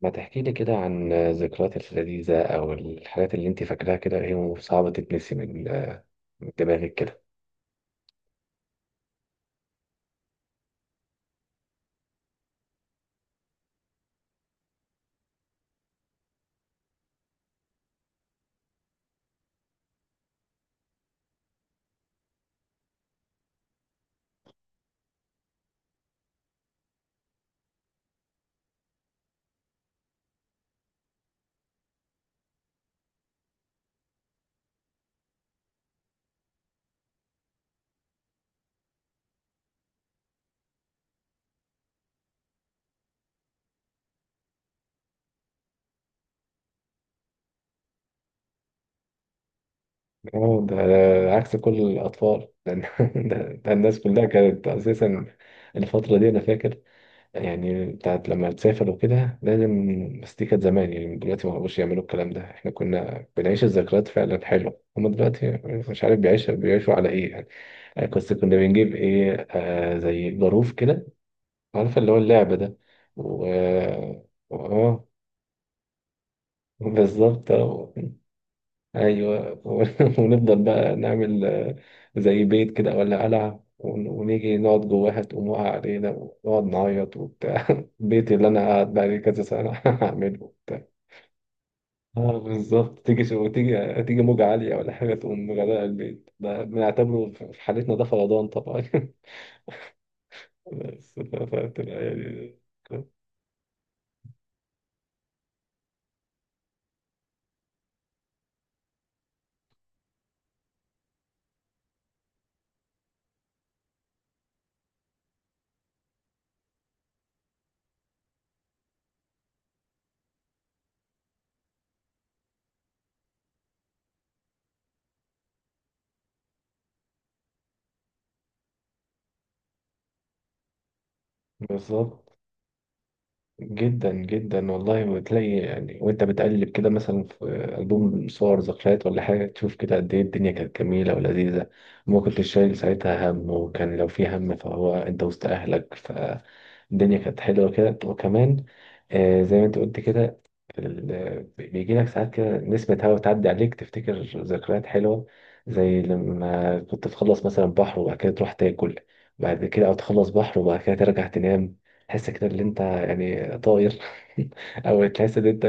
ما تحكي لي كده عن ذكرياتك اللذيذة أو الحاجات اللي أنت فاكراها كده، هي صعبة تتنسي من دماغك كده؟ أه، ده عكس كل الأطفال ده، ده الناس كلها كانت أساسا الفترة دي أنا فاكر، يعني بتاعت لما تسافر وكده لازم. بس دي كانت زمان، يعني دلوقتي ما بقوش يعملوا الكلام ده، إحنا كنا بنعيش الذكريات فعلا حلوة. هما دلوقتي مش عارف بيعيشوا على إيه يعني. بس كنا بنجيب إيه، آه، زي جاروف كده، عارفة اللي هو اللعبة ده. و اه بالظبط اه. ايوه ونفضل بقى نعمل زي بيت كده ولا قلعة، ونيجي نقعد جواها، تقوم واقع علينا، ونقعد نعيط وبتاع. البيت اللي انا قاعد بقالي كذا سنة هعمله وبتاع. اه بالظبط. تيجي شو تيجي تيجي موجة عالية ولا حاجة، تقوم مغرقة البيت ده، بنعتبره في حالتنا ده فيضان طبعا. بس فبتبقى يعني بالظبط. جدا جدا والله، وتلاقي يعني وانت بتقلب كده مثلا في ألبوم صور ذكريات ولا حاجة، تشوف كده قد ايه الدنيا كانت جميلة ولذيذة، وما كنتش شايل ساعتها هم، وكان لو في هم فهو انت وسط أهلك، فالدنيا كانت حلوة كده. وكمان، آه، زي ما انت قلت كده، بيجي لك ساعات كده نسمة هوا تعدي عليك، تفتكر ذكريات حلوة، زي لما كنت تخلص مثلا بحر وبعد كده تروح تاكل بعد كده، او تخلص بحر وبعد كده ترجع تنام، تحس كده اللي انت يعني طاير. او تحس ان انت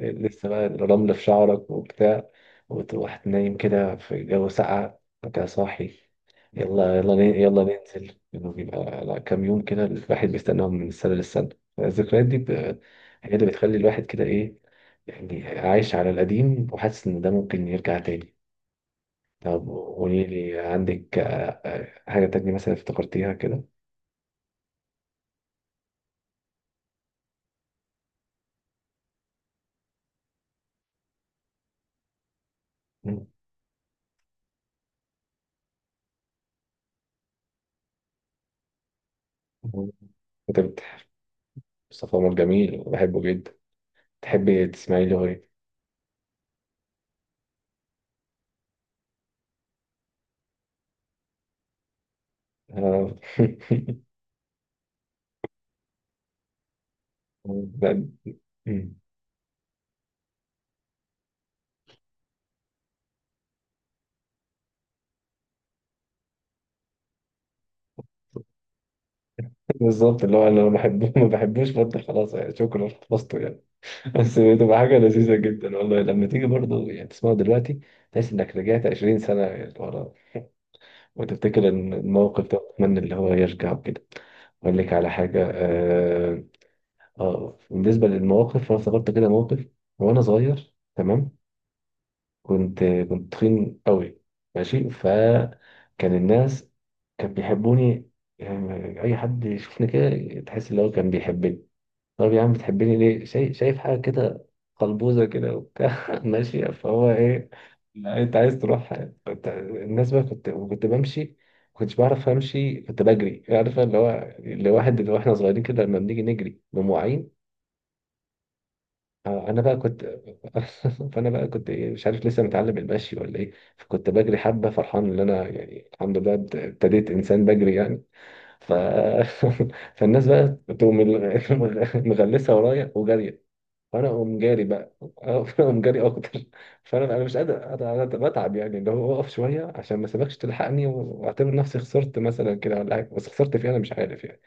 لسه بقى الرمل في شعرك وبتاع، وتروح نايم كده في جو ساقع وكده صاحي. يلا يلا يلا ننزل، انه بيبقى لا، كام يوم كده الواحد بيستناهم من السنة للسنة. الذكريات دي هي اللي بتخلي الواحد كده ايه، يعني عايش على القديم وحاسس ان ده ممكن يرجع تاني. طب قولي لي، عندك حاجة تانية مثلا افتكرتيها كده؟ مم. كنت بت- مصطفى عمر جميل، بحبه جدا. تحبي تسمعي له ايه؟ آه. لا، مم. بالظبط، اللي هو انا لو بحبه ما بحبوش برضه، خلاص يعني شكرا خلصته يعني. بس بتبقى حاجه لذيذه جدا والله لما تيجي برضه يعني تسمعه دلوقتي، تحس انك رجعت 20 سنه ورا، وتفتكر ان الموقف ده وتتمنى اللي هو يرجع وكده. اقول لك على حاجه، اه، آه، بالنسبه للمواقف انا افتكرت كده موقف. وانا صغير تمام، كنت تخين قوي ماشي، فكان الناس كان بيحبوني، يعني اي حد يشوفني كده تحس ان هو كان بيحبني. طب يا عم بتحبني ليه؟ شايف حاجه كده قلبوزه كده وبتاع ماشيه، فهو ايه، لا انت عايز تروح. الناس بقى، كنت بمشي ما كنتش بعرف امشي، كنت بجري، عارفه اللي هو اللي واحد اللي واحنا صغيرين كده لما بنيجي نجري بمواعين. اه انا بقى كنت فانا بقى كنت ايه، مش عارف لسه متعلم المشي ولا ايه. فكنت بجري حبه فرحان ان انا يعني الحمد لله ابتديت انسان بجري يعني. ف... فالناس بقى تقوم مغلسه ورايا وجاريه، فانا اقوم جاري بقى. اه فانا اقوم جاري اكتر. فانا بقى أنا مش قادر، انا بتعب يعني، اللي هو اقف شويه عشان ما سيبكش تلحقني، واعتبر نفسي خسرت مثلا كده ولا حاجه، بس خسرت فيها انا مش عارف يعني،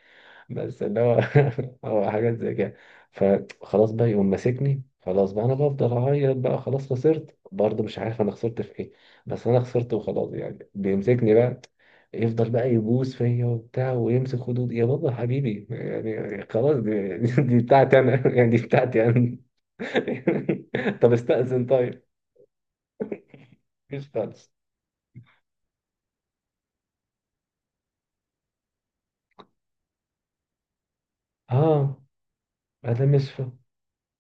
بس اللي هو هو حاجات زي كده. فخلاص بقى يقوم ماسكني، خلاص بقى انا بفضل اعيط بقى، خلاص خسرت برضه، مش عارف انا خسرت في ايه، بس انا خسرت وخلاص يعني. بيمسكني بقى يفضل بقى يبوس فيا وبتاع ويمسك خدود، يا بابا حبيبي، يعني خلاص دي بتاعتي انا يعني دي بتاعتي انا. طب استأذن طيب، مش خالص. اه انا مش فاهم،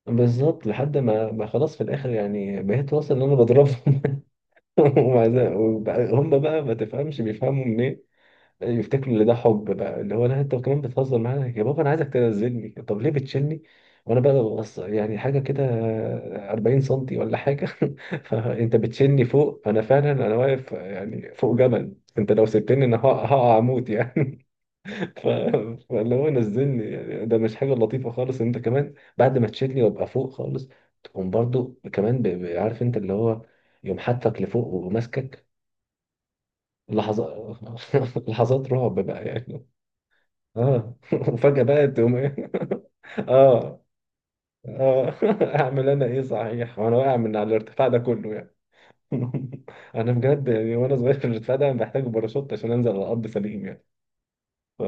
بالظبط لحد ما خلاص في الاخر يعني بقيت واصل ان انا بضربهم، هم بقى ما تفهمش، بيفهموا منين؟ يفتكروا ان ده حب، بقى اللي هو لا انت كمان بتهزر معايا يا بابا، انا عايزك تنزلني، طب ليه بتشيلني؟ وانا بقى ببص، يعني حاجه كده 40 سنتي ولا حاجه فانت بتشيلني فوق، انا فعلا انا واقف يعني فوق جبل، انت لو سبتني انا هقع اموت يعني. ف... فاللي هو نزلني، يعني ده مش حاجه لطيفه خالص. انت كمان بعد ما تشيلني وابقى فوق خالص، تقوم برضو كمان عارف انت اللي هو يقوم حاطك لفوق وماسكك. لحظات، لحظات رعب بقى يعني. اه وفجأة بقى تقوم ايه؟ اه اه اعمل انا ايه صحيح وانا واقع من على الارتفاع ده كله يعني. انا بجد يعني، وانا صغير في الارتفاع ده محتاج باراشوت عشان انزل على الارض سليم يعني. ف...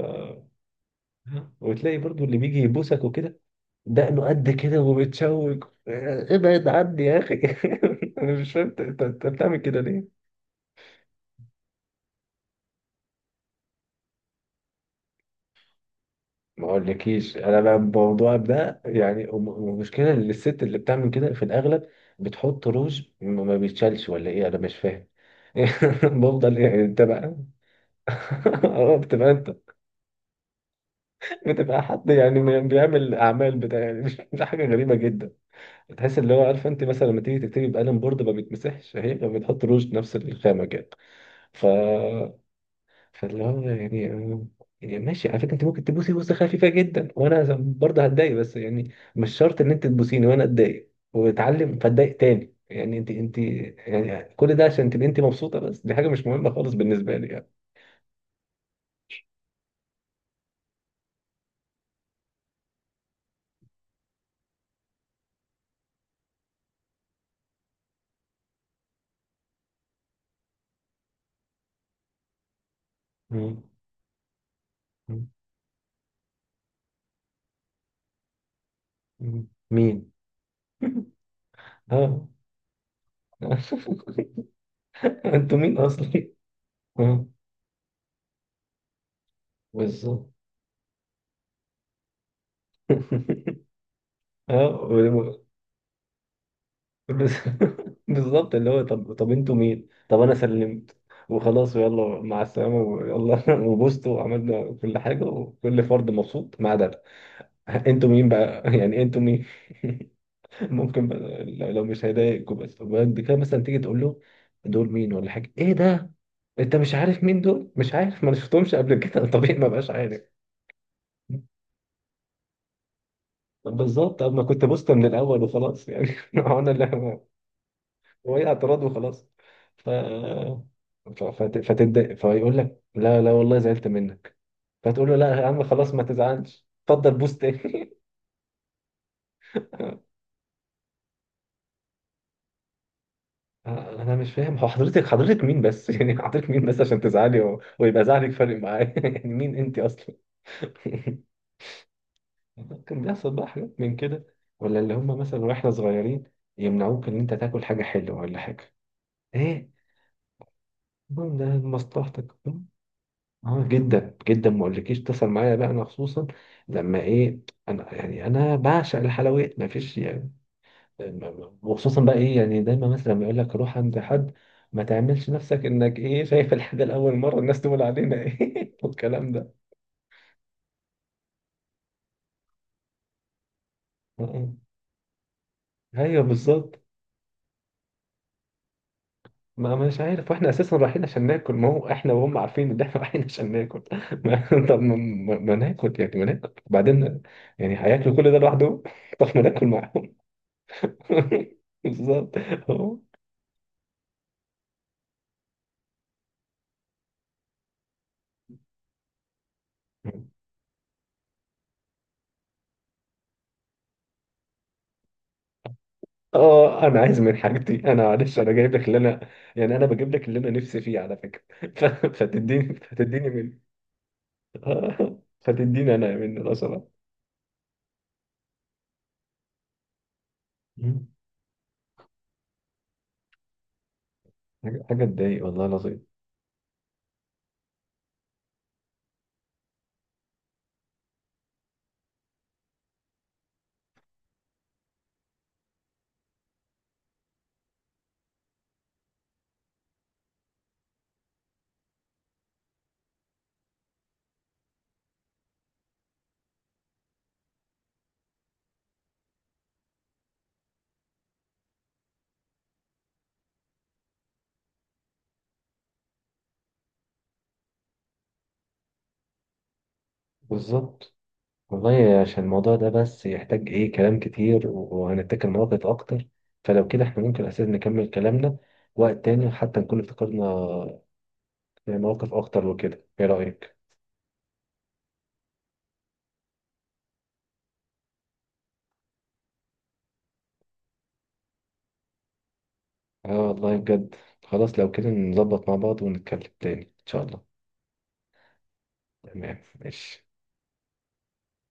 وتلاقي برضو اللي بيجي يبوسك وكده، دقنه قد كده ومتشوك، ابعد عني يا اخي. انا مش فاهم، انت بتعمل كده؟ ما اقولكيش انا بقى الموضوع ده يعني، المشكله ان الست اللي بتعمل كده في الاغلب بتحط روج ما بيتشالش ولا ايه؟ انا مش فاهم. بفضل يعني انت بقى اه بتبقى انت، بتبقى حد يعني بيعمل اعمال بتاع يعني، مش مش حاجه غريبه جدا. تحس اللي هو، عارفه انت مثلا لما تيجي تكتبي بقلم بورد ما بيتمسحش، هي بتحط روج نفس الخامه كده. ف فاللي هو يعني، يعني ماشي، على فكره انت ممكن تبوسي بوسه خفيفه جدا وانا برضه هتضايق، بس يعني مش شرط ان انت تبوسيني وانا اتضايق واتعلم فاتضايق تاني، يعني انت يعني كل ده عشان تبقي انت مبسوطه، بس دي حاجه مش مهمه خالص بالنسبه لي يعني. مم. مم. مم. مين؟ اه انتوا مين اصلي؟ اه بالظبط اه. بس- بالظبط، اللي هو طب انتوا مين؟ طب انا سلمت وخلاص، ويلا مع السلامه ويلا وبوست وعملنا كل حاجه، وكل فرد مبسوط ما عدا انا. انتوا مين بقى؟ يعني انتوا مين؟ ممكن بقى، لو مش هيضايقكم، بس طب بعد كده مثلا تيجي تقول له دول مين ولا حاجه، ايه ده؟ انت مش عارف مين دول؟ مش عارف، ما انا شفتهمش قبل كده. طبيعي ما بقاش عارف. طب بالظبط، طب ما كنت بوست من الاول وخلاص يعني انا اللي، وهي اعتراض وخلاص. ف فتتضايق، فيقول لك لا والله زعلت منك، فتقول له لا يا عم خلاص ما تزعلش، اتفضل بوس تاني. انا مش فاهم، هو حضرتك مين بس؟ يعني حضرتك مين بس عشان تزعلي ويبقى زعلك فارق معايا؟ يعني مين انت اصلا؟ كان بيحصل بقى حاجات من كده، ولا اللي هم مثلا واحنا صغيرين يمنعوك ان انت تاكل حاجه حلوه ولا حاجه، ايه، المهم ده مصلحتك. اه جدا جدا، ما اقولكيش اتصل معايا بقى انا خصوصا لما ايه، انا يعني انا بعشق الحلويات ما فيش يعني. وخصوصا بقى ايه، يعني دايما مثلا لما يقول لك روح عند حد، ما تعملش نفسك انك ايه شايف الحاجه لاول مره، الناس تقول علينا ايه والكلام ده. اه اه. ايوه بالظبط. ما مش عارف، واحنا اساسا رايحين عشان ناكل، ما هو احنا وهم عارفين ان احنا رايحين عشان ناكل. طب ما ناكل يعني، ما ناكل وبعدين يعني هياكلوا كل ده لوحدهم؟ طب ما ناكل. بالظبط. هو اه، انا عايز من حاجتي انا، معلش انا جايب لك اللي انا، يعني انا بجيب لك اللي انا نفسي فيه على فكره. فتديني من آه، فتديني انا من القصب. حاجه تضايق والله العظيم. بالظبط. والله عشان الموضوع ده بس يحتاج ايه كلام كتير، وهنتكلم مواقف اكتر، فلو كده احنا ممكن اساسا نكمل كلامنا وقت تاني، حتى نكون افتكرنا مواقف اكتر وكده، ايه رايك؟ اه والله بجد. خلاص، لو كده نظبط مع بعض ونتكلم تاني ان شاء الله. تمام ماشي.